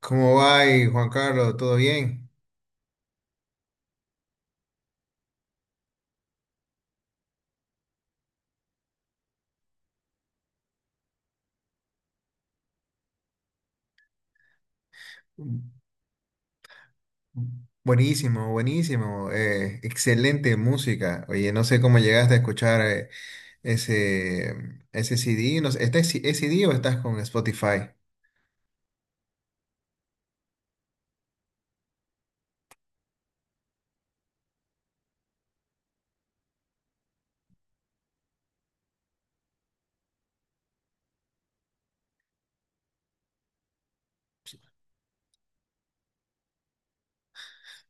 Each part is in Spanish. ¿Cómo va, ahí, Juan Carlos? ¿Todo bien? Buenísimo, buenísimo. Excelente música. Oye, no sé cómo llegaste a escuchar ese, ese CD. No sé, ¿es CD o estás con Spotify?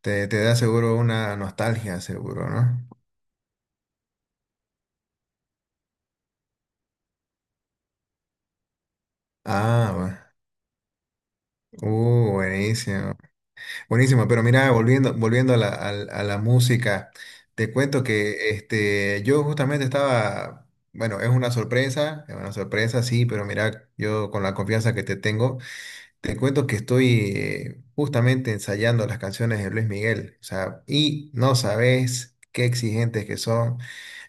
Te da seguro una nostalgia, seguro, ¿no? Ah, buenísimo. Buenísimo, pero mira, volviendo a la, a la música, te cuento que este, yo justamente estaba, bueno, es una sorpresa, sí, pero mira, yo con la confianza que te tengo, te cuento que estoy justamente ensayando las canciones de Luis Miguel, o sea, y no sabes qué exigentes que son,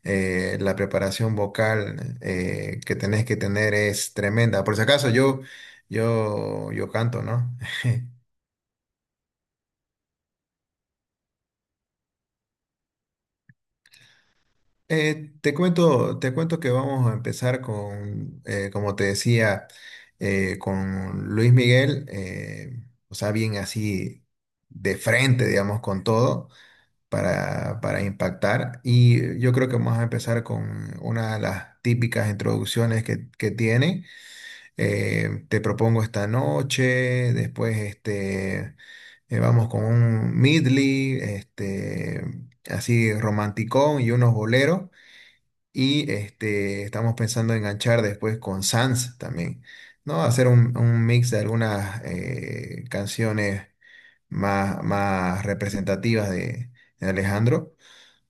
la preparación vocal que tenés que tener es tremenda. Por si acaso, yo, yo canto, ¿no? Te cuento, te cuento que vamos a empezar con, como te decía, con Luis Miguel, o sea, bien así de frente, digamos, con todo para impactar. Y yo creo que vamos a empezar con una de las típicas introducciones que tiene. Te propongo esta noche, después este, vamos con un medley, este, así romanticón y unos boleros. Y este, estamos pensando enganchar después con Sans también, ¿no? Hacer un mix de algunas canciones más, más representativas de Alejandro.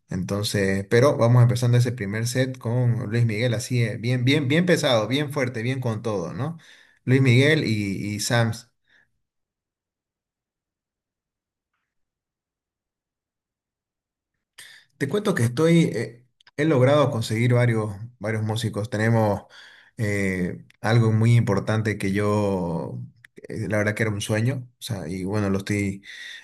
Entonces, pero vamos empezando ese primer set con Luis Miguel, así, bien, bien, bien pesado, bien fuerte, bien con todo, ¿no? Luis Miguel y Sans. Te cuento que estoy, he logrado conseguir varios, varios músicos. Tenemos algo muy importante que yo, la verdad que era un sueño, o sea, y bueno, lo estoy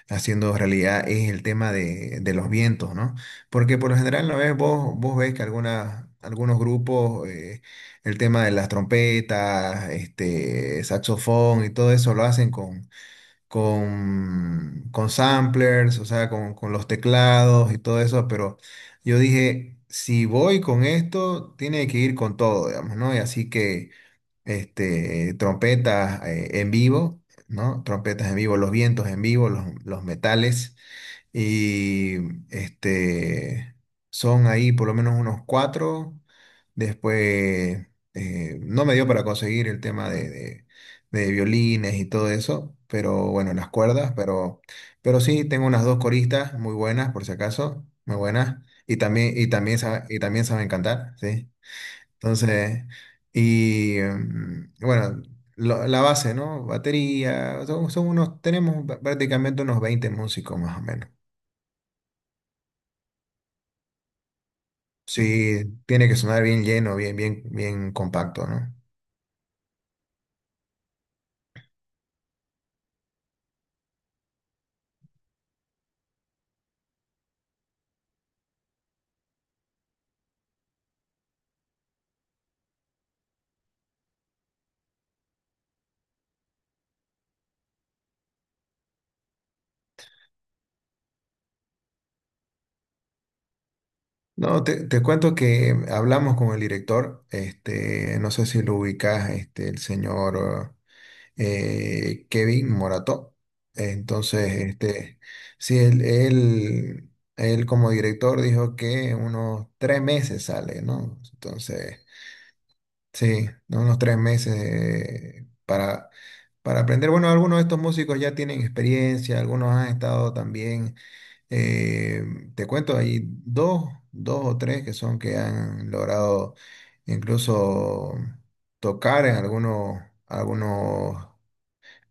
haciendo realidad, es el tema de los vientos, ¿no? Porque por lo general, ¿no ves? Vos, vos ves que algunas, algunos grupos, el tema de las trompetas, este, saxofón y todo eso lo hacen con con samplers, o sea, con los teclados y todo eso, pero yo dije, si voy con esto, tiene que ir con todo, digamos, ¿no? Y así que, este, trompetas en vivo, ¿no? Trompetas en vivo, los vientos en vivo, los metales. Y este, son ahí por lo menos unos cuatro. Después no me dio para conseguir el tema de, de violines y todo eso, pero bueno, las cuerdas, pero sí tengo unas dos coristas muy buenas, por si acaso, muy buenas. Y también, y también, y también saben cantar, ¿sí? Entonces, y bueno, la base, ¿no? Batería, son, son unos, tenemos prácticamente unos 20 músicos más o menos. Sí, tiene que sonar bien lleno, bien, bien, bien compacto, ¿no? No, te cuento que hablamos con el director, este, no sé si lo ubicas, este, el señor Kevin Morató. Entonces, este, sí, él, él como director dijo que unos tres meses sale, ¿no? Entonces, sí, unos tres meses para aprender. Bueno, algunos de estos músicos ya tienen experiencia, algunos han estado también. Eh, Te cuento, hay dos, dos o tres que son que han logrado incluso tocar en algunos, algunos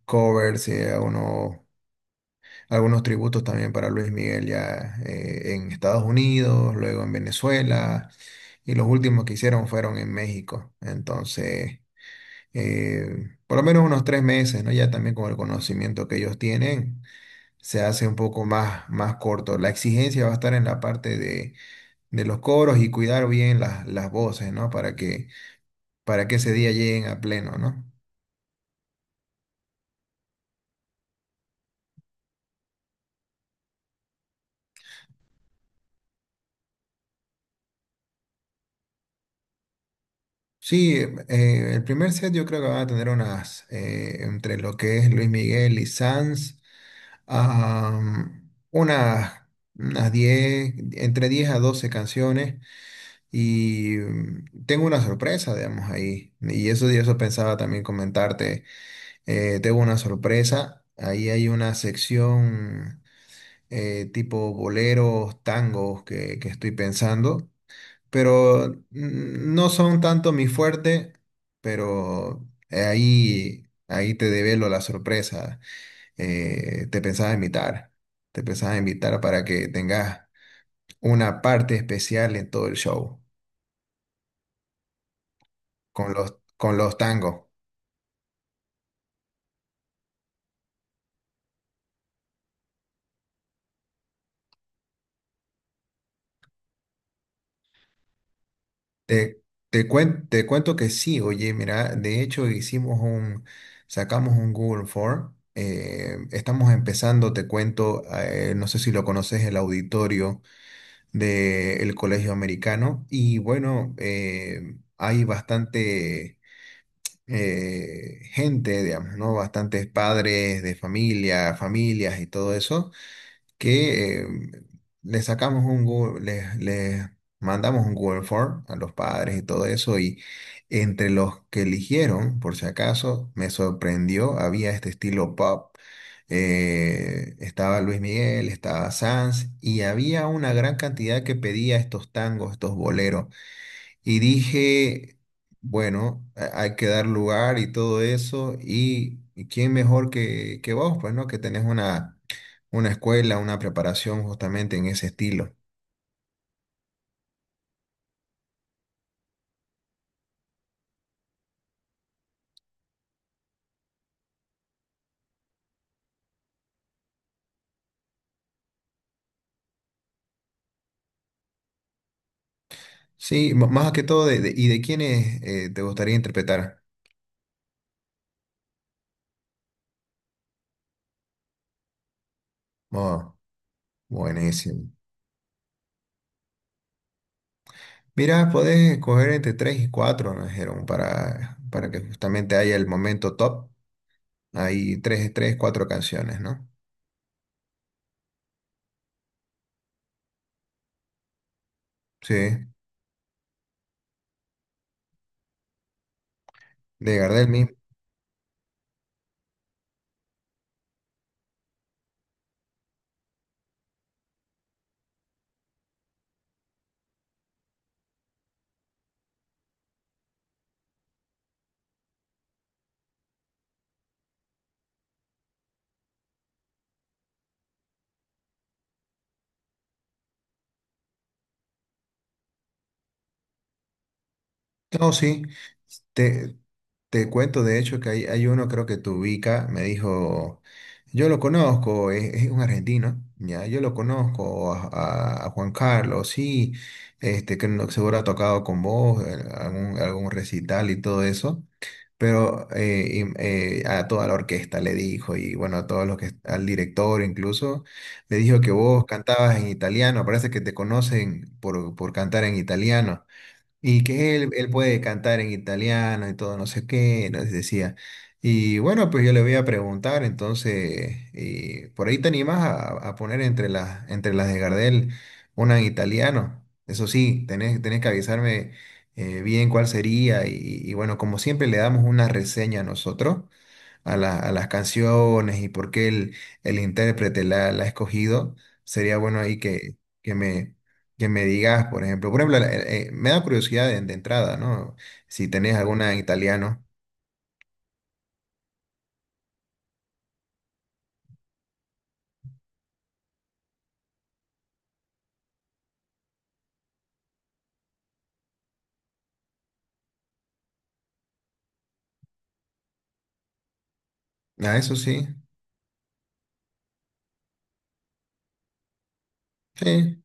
covers y algunos, algunos tributos también para Luis Miguel ya en Estados Unidos, luego en Venezuela y los últimos que hicieron fueron en México. Entonces, por lo menos unos tres meses, ¿no? Ya también con el conocimiento que ellos tienen se hace un poco más, más corto. La exigencia va a estar en la parte de los coros y cuidar bien las voces, ¿no? Para que ese día lleguen a pleno, ¿no? Sí, el primer set yo creo que van a tener unas, entre lo que es Luis Miguel y Sanz, unas, unas 10, entre 10 a 12 canciones y tengo una sorpresa, digamos, ahí. Y eso pensaba también comentarte. Tengo una sorpresa. Ahí hay una sección tipo boleros, tangos que estoy pensando, pero no son tanto mi fuerte, pero ahí, ahí te develo la sorpresa. Te pensaba invitar, te pensaba invitar para que tengas una parte especial en todo el show con los tangos. Te, te cuento que sí, oye, mira, de hecho hicimos un, sacamos un Google Form, estamos empezando, te cuento, no sé si lo conoces, el auditorio del Colegio Americano, y bueno, hay bastante gente, digamos, ¿no? Bastantes padres de familia, familias y todo eso que le sacamos un Google, le mandamos un Google Form a los padres y todo eso, y entre los que eligieron, por si acaso, me sorprendió, había este estilo pop, estaba Luis Miguel, estaba Sanz, y había una gran cantidad que pedía estos tangos, estos boleros. Y dije, bueno, hay que dar lugar y todo eso. Y quién mejor que vos, pues, ¿no? Que tenés una escuela, una preparación justamente en ese estilo. Sí, más que todo, de, ¿y de quiénes te gustaría interpretar? Oh, buenísimo. Mira, podés escoger entre tres y cuatro, nos dijeron, para que justamente haya el momento top. Hay tres, tres, cuatro canciones, ¿no? Sí, de Gardel. No, sí, te, te cuento de hecho que hay uno, creo que te ubica, me dijo, yo lo conozco, es un argentino, ya, yo lo conozco a, a Juan Carlos, sí, este, que seguro ha tocado con vos, algún, algún recital y todo eso, pero a toda la orquesta le dijo, y bueno, a todos los que, al director incluso, le dijo que vos cantabas en italiano, parece que te conocen por cantar en italiano. Y que él puede cantar en italiano y todo, no sé qué, nos decía. Y bueno, pues yo le voy a preguntar, entonces, y por ahí te animas a poner entre las de Gardel una en italiano. Eso sí, tenés, tenés que avisarme bien cuál sería. Y bueno, como siempre le damos una reseña a nosotros a, a las canciones y por qué el intérprete la, la ha escogido, sería bueno ahí que me, que me digas, por ejemplo. Por ejemplo, me da curiosidad de entrada, ¿no? Si tenés alguna en italiano. Ah, eso sí. Sí,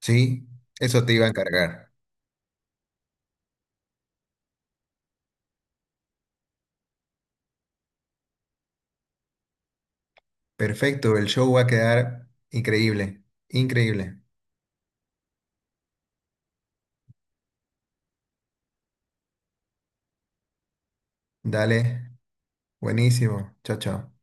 sí, eso te iba a encargar. Perfecto, el show va a quedar increíble, increíble. Dale, buenísimo. Chao, chao.